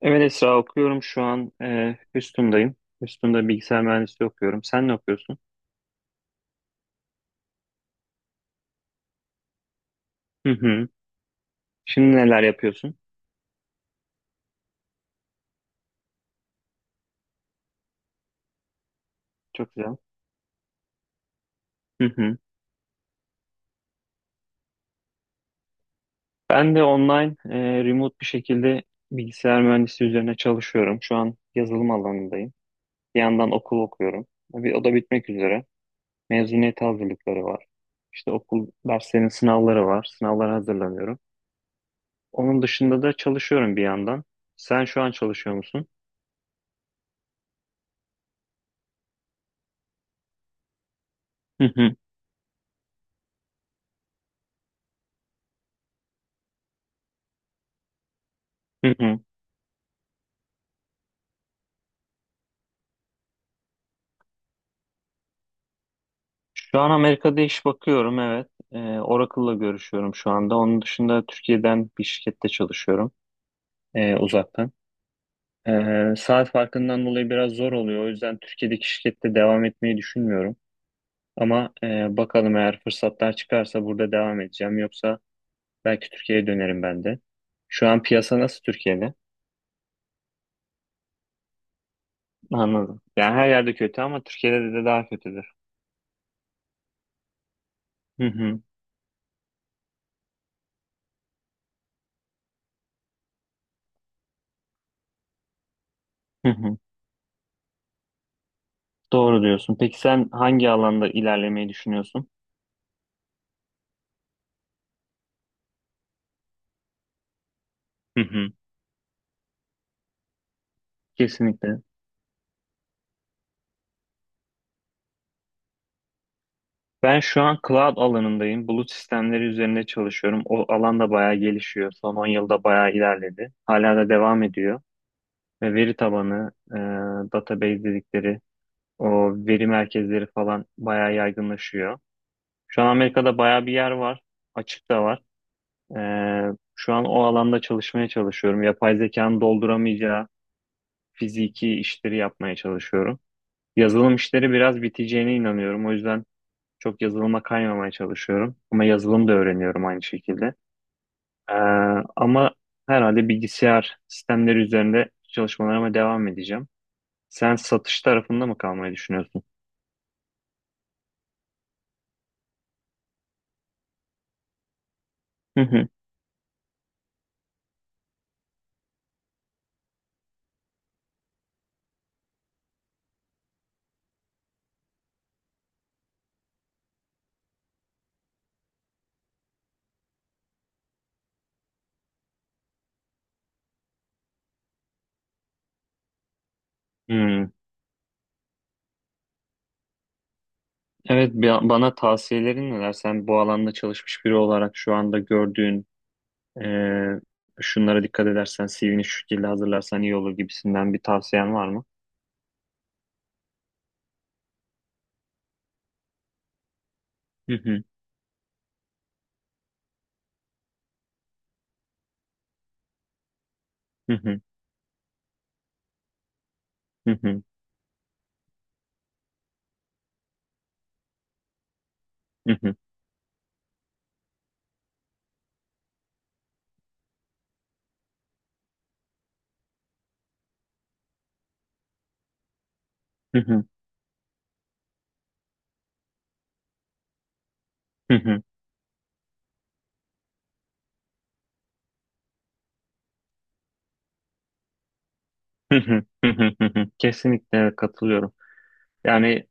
Evet Esra okuyorum şu an. Houston'dayım. Houston'da bilgisayar mühendisliği okuyorum. Sen ne okuyorsun? Hı hı. Şimdi neler yapıyorsun? Çok güzel. Hı hı. Ben de online, remote bir şekilde bilgisayar mühendisliği üzerine çalışıyorum. Şu an yazılım alanındayım. Bir yandan okul okuyorum. O da bitmek üzere. Mezuniyet hazırlıkları var. İşte okul derslerinin sınavları var. Sınavlara hazırlanıyorum. Onun dışında da çalışıyorum bir yandan. Sen şu an çalışıyor musun? Hı hı. Hı hı. Şu an Amerika'da iş bakıyorum, evet. Oracle'la görüşüyorum şu anda. Onun dışında Türkiye'den bir şirkette çalışıyorum, uzaktan. Saat farkından dolayı biraz zor oluyor. O yüzden Türkiye'deki şirkette devam etmeyi düşünmüyorum. Ama bakalım, eğer fırsatlar çıkarsa burada devam edeceğim. Yoksa belki Türkiye'ye dönerim ben de. Şu an piyasa nasıl Türkiye'de? Anladım. Yani her yerde kötü ama Türkiye'de de daha kötüdür. Hı hı. Hı hı. Doğru diyorsun. Peki sen hangi alanda ilerlemeyi düşünüyorsun? Hı hı. Kesinlikle. Ben şu an cloud alanındayım. Bulut sistemleri üzerinde çalışıyorum. O alan da bayağı gelişiyor. Son 10 yılda bayağı ilerledi. Hala da devam ediyor. Ve veri tabanı, database dedikleri o veri merkezleri falan bayağı yaygınlaşıyor. Şu an Amerika'da bayağı bir yer var. Açık da var. E, Şu an o alanda çalışmaya çalışıyorum. Yapay zekanın dolduramayacağı fiziki işleri yapmaya çalışıyorum. Yazılım işleri biraz biteceğine inanıyorum. O yüzden çok yazılıma kaymamaya çalışıyorum. Ama yazılım da öğreniyorum aynı şekilde. Ee, ama herhalde bilgisayar sistemleri üzerinde çalışmalarıma devam edeceğim. Sen satış tarafında mı kalmayı düşünüyorsun? Hı hı. Hmm. Evet, bana tavsiyelerin neler? Sen bu alanda çalışmış biri olarak şu anda gördüğün, şunlara dikkat edersen, CV'ni şu şekilde hazırlarsan iyi olur gibisinden bir tavsiyen var mı? Hı hı. Hı hı. Hı hı. Hı hı. Hı hı. Hı hı. Hı hı. Hı hı. Kesinlikle, evet, katılıyorum. Yani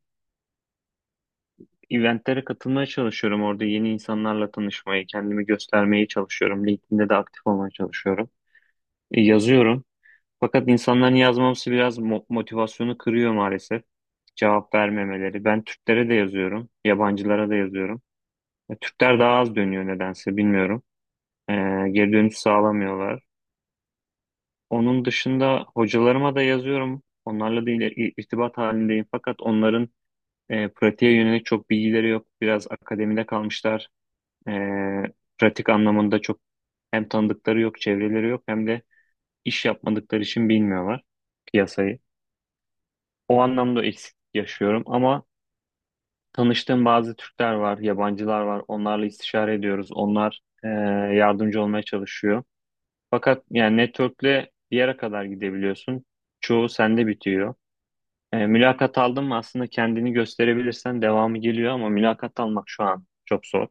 eventlere katılmaya çalışıyorum. Orada yeni insanlarla tanışmayı, kendimi göstermeye çalışıyorum. LinkedIn'de de aktif olmaya çalışıyorum. Yazıyorum. Fakat insanların yazmaması biraz motivasyonu kırıyor maalesef. Cevap vermemeleri. Ben Türklere de yazıyorum. Yabancılara da yazıyorum. Türkler daha az dönüyor, nedense bilmiyorum. E, geri dönüş sağlamıyorlar. Onun dışında hocalarıma da yazıyorum. Onlarla da irtibat halindeyim. Fakat onların pratiğe yönelik çok bilgileri yok. Biraz akademide kalmışlar. E, pratik anlamında çok hem tanıdıkları yok, çevreleri yok, hem de iş yapmadıkları için bilmiyorlar piyasayı. O anlamda eksiklik yaşıyorum ama tanıştığım bazı Türkler var, yabancılar var. Onlarla istişare ediyoruz. Onlar yardımcı olmaya çalışıyor. Fakat yani network'le bir yere kadar gidebiliyorsun. Çoğu sende bitiyor. Mülakat aldın mı, aslında kendini gösterebilirsen devamı geliyor, ama mülakat almak şu an çok zor.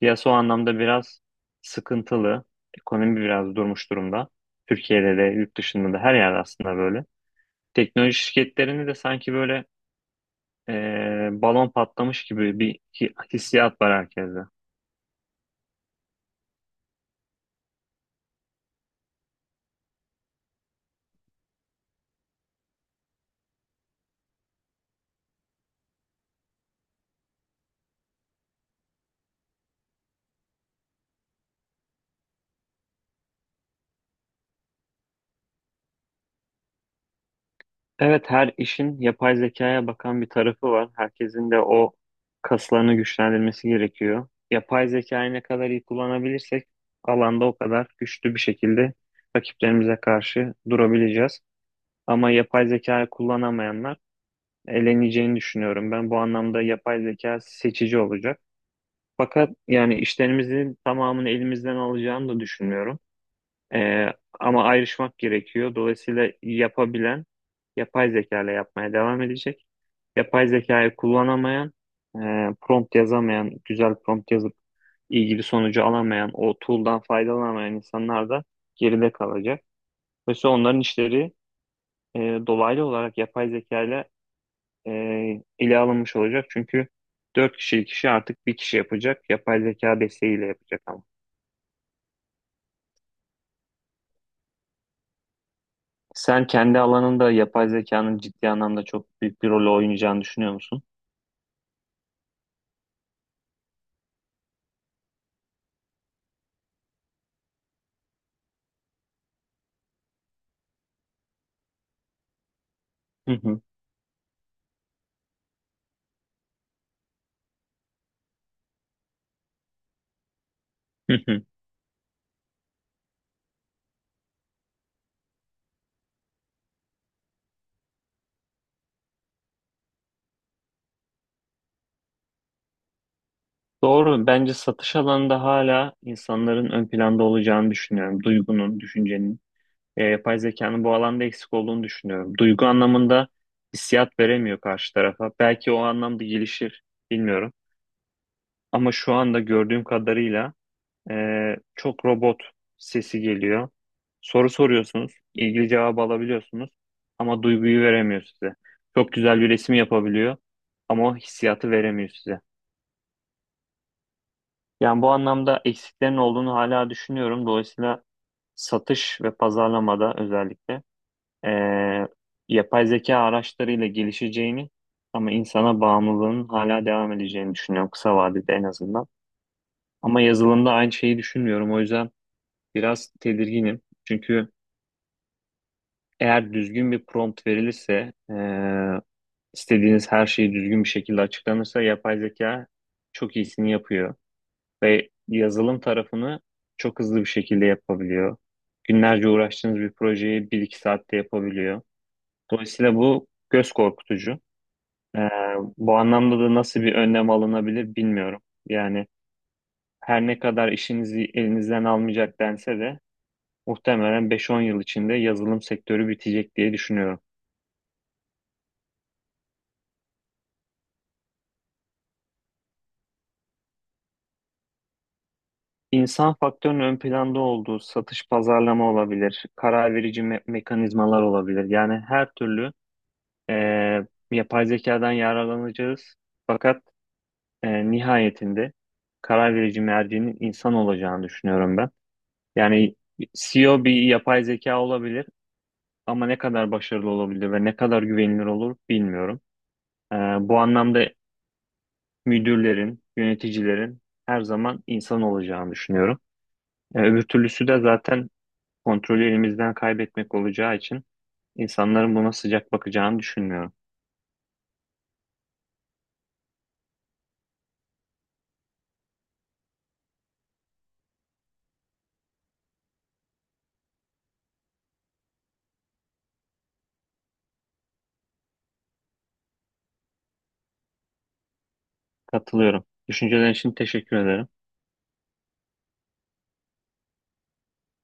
Piyasa o anlamda biraz sıkıntılı. Ekonomi biraz durmuş durumda. Türkiye'de de, yurt dışında da, her yerde aslında böyle. Teknoloji şirketlerini de sanki böyle, balon patlamış gibi bir hissiyat var herkeste. Evet, her işin yapay zekaya bakan bir tarafı var. Herkesin de o kaslarını güçlendirmesi gerekiyor. Yapay zekayı ne kadar iyi kullanabilirsek alanda o kadar güçlü bir şekilde rakiplerimize karşı durabileceğiz. Ama yapay zekayı kullanamayanlar eleneceğini düşünüyorum. Ben bu anlamda yapay zeka seçici olacak. Fakat yani işlerimizin tamamını elimizden alacağını da düşünmüyorum. Ee, ama ayrışmak gerekiyor. Dolayısıyla yapabilen yapay zeka ile yapmaya devam edecek. Yapay zekayı kullanamayan, e, prompt yazamayan, güzel prompt yazıp ilgili sonucu alamayan, o tool'dan faydalanamayan insanlar da geride kalacak. Mesela onların işleri e, dolaylı olarak yapay zekayla e, ele alınmış olacak. Çünkü 4 kişilik işi artık bir kişi yapacak. Yapay zeka desteğiyle yapacak ama. Sen kendi alanında yapay zekanın ciddi anlamda çok büyük bir rol oynayacağını düşünüyor musun? Hı hı. Hı hı. Doğru. Bence satış alanında hala insanların ön planda olacağını düşünüyorum. Duygunun, düşüncenin. Yapay zekanın bu alanda eksik olduğunu düşünüyorum. Duygu anlamında hissiyat veremiyor karşı tarafa. Belki o anlamda gelişir, bilmiyorum. Ama şu anda gördüğüm kadarıyla çok robot sesi geliyor. Soru soruyorsunuz, ilgili cevabı alabiliyorsunuz ama duyguyu veremiyor size. Çok güzel bir resim yapabiliyor ama o hissiyatı veremiyor size. Yani bu anlamda eksiklerin olduğunu hala düşünüyorum. Dolayısıyla satış ve pazarlamada özellikle ee, yapay zeka araçlarıyla gelişeceğini, ama insana bağımlılığın hala devam edeceğini düşünüyorum, kısa vadede en azından. Ama yazılımda aynı şeyi düşünmüyorum. O yüzden biraz tedirginim. Çünkü eğer düzgün bir prompt verilirse, istediğiniz her şeyi düzgün bir şekilde açıklanırsa, yapay zeka çok iyisini yapıyor ve yazılım tarafını çok hızlı bir şekilde yapabiliyor. Günlerce uğraştığınız bir projeyi bir iki saatte yapabiliyor. Dolayısıyla bu göz korkutucu. E, bu anlamda da nasıl bir önlem alınabilir bilmiyorum. Yani her ne kadar işinizi elinizden almayacak dense de muhtemelen 5-10 yıl içinde yazılım sektörü bitecek diye düşünüyorum. İnsan faktörünün ön planda olduğu satış pazarlama olabilir, karar verici mekanizmalar olabilir. Yani her türlü yapay zekadan yararlanacağız. Fakat nihayetinde karar verici mercinin insan olacağını düşünüyorum ben. Yani CEO bir yapay zeka olabilir ama ne kadar başarılı olabilir ve ne kadar güvenilir olur bilmiyorum. Bu anlamda müdürlerin, yöneticilerin her zaman insan olacağını düşünüyorum. Öbür türlüsü de zaten kontrolü elimizden kaybetmek olacağı için insanların buna sıcak bakacağını düşünmüyorum. Katılıyorum. Düşüncelerin için teşekkür ederim.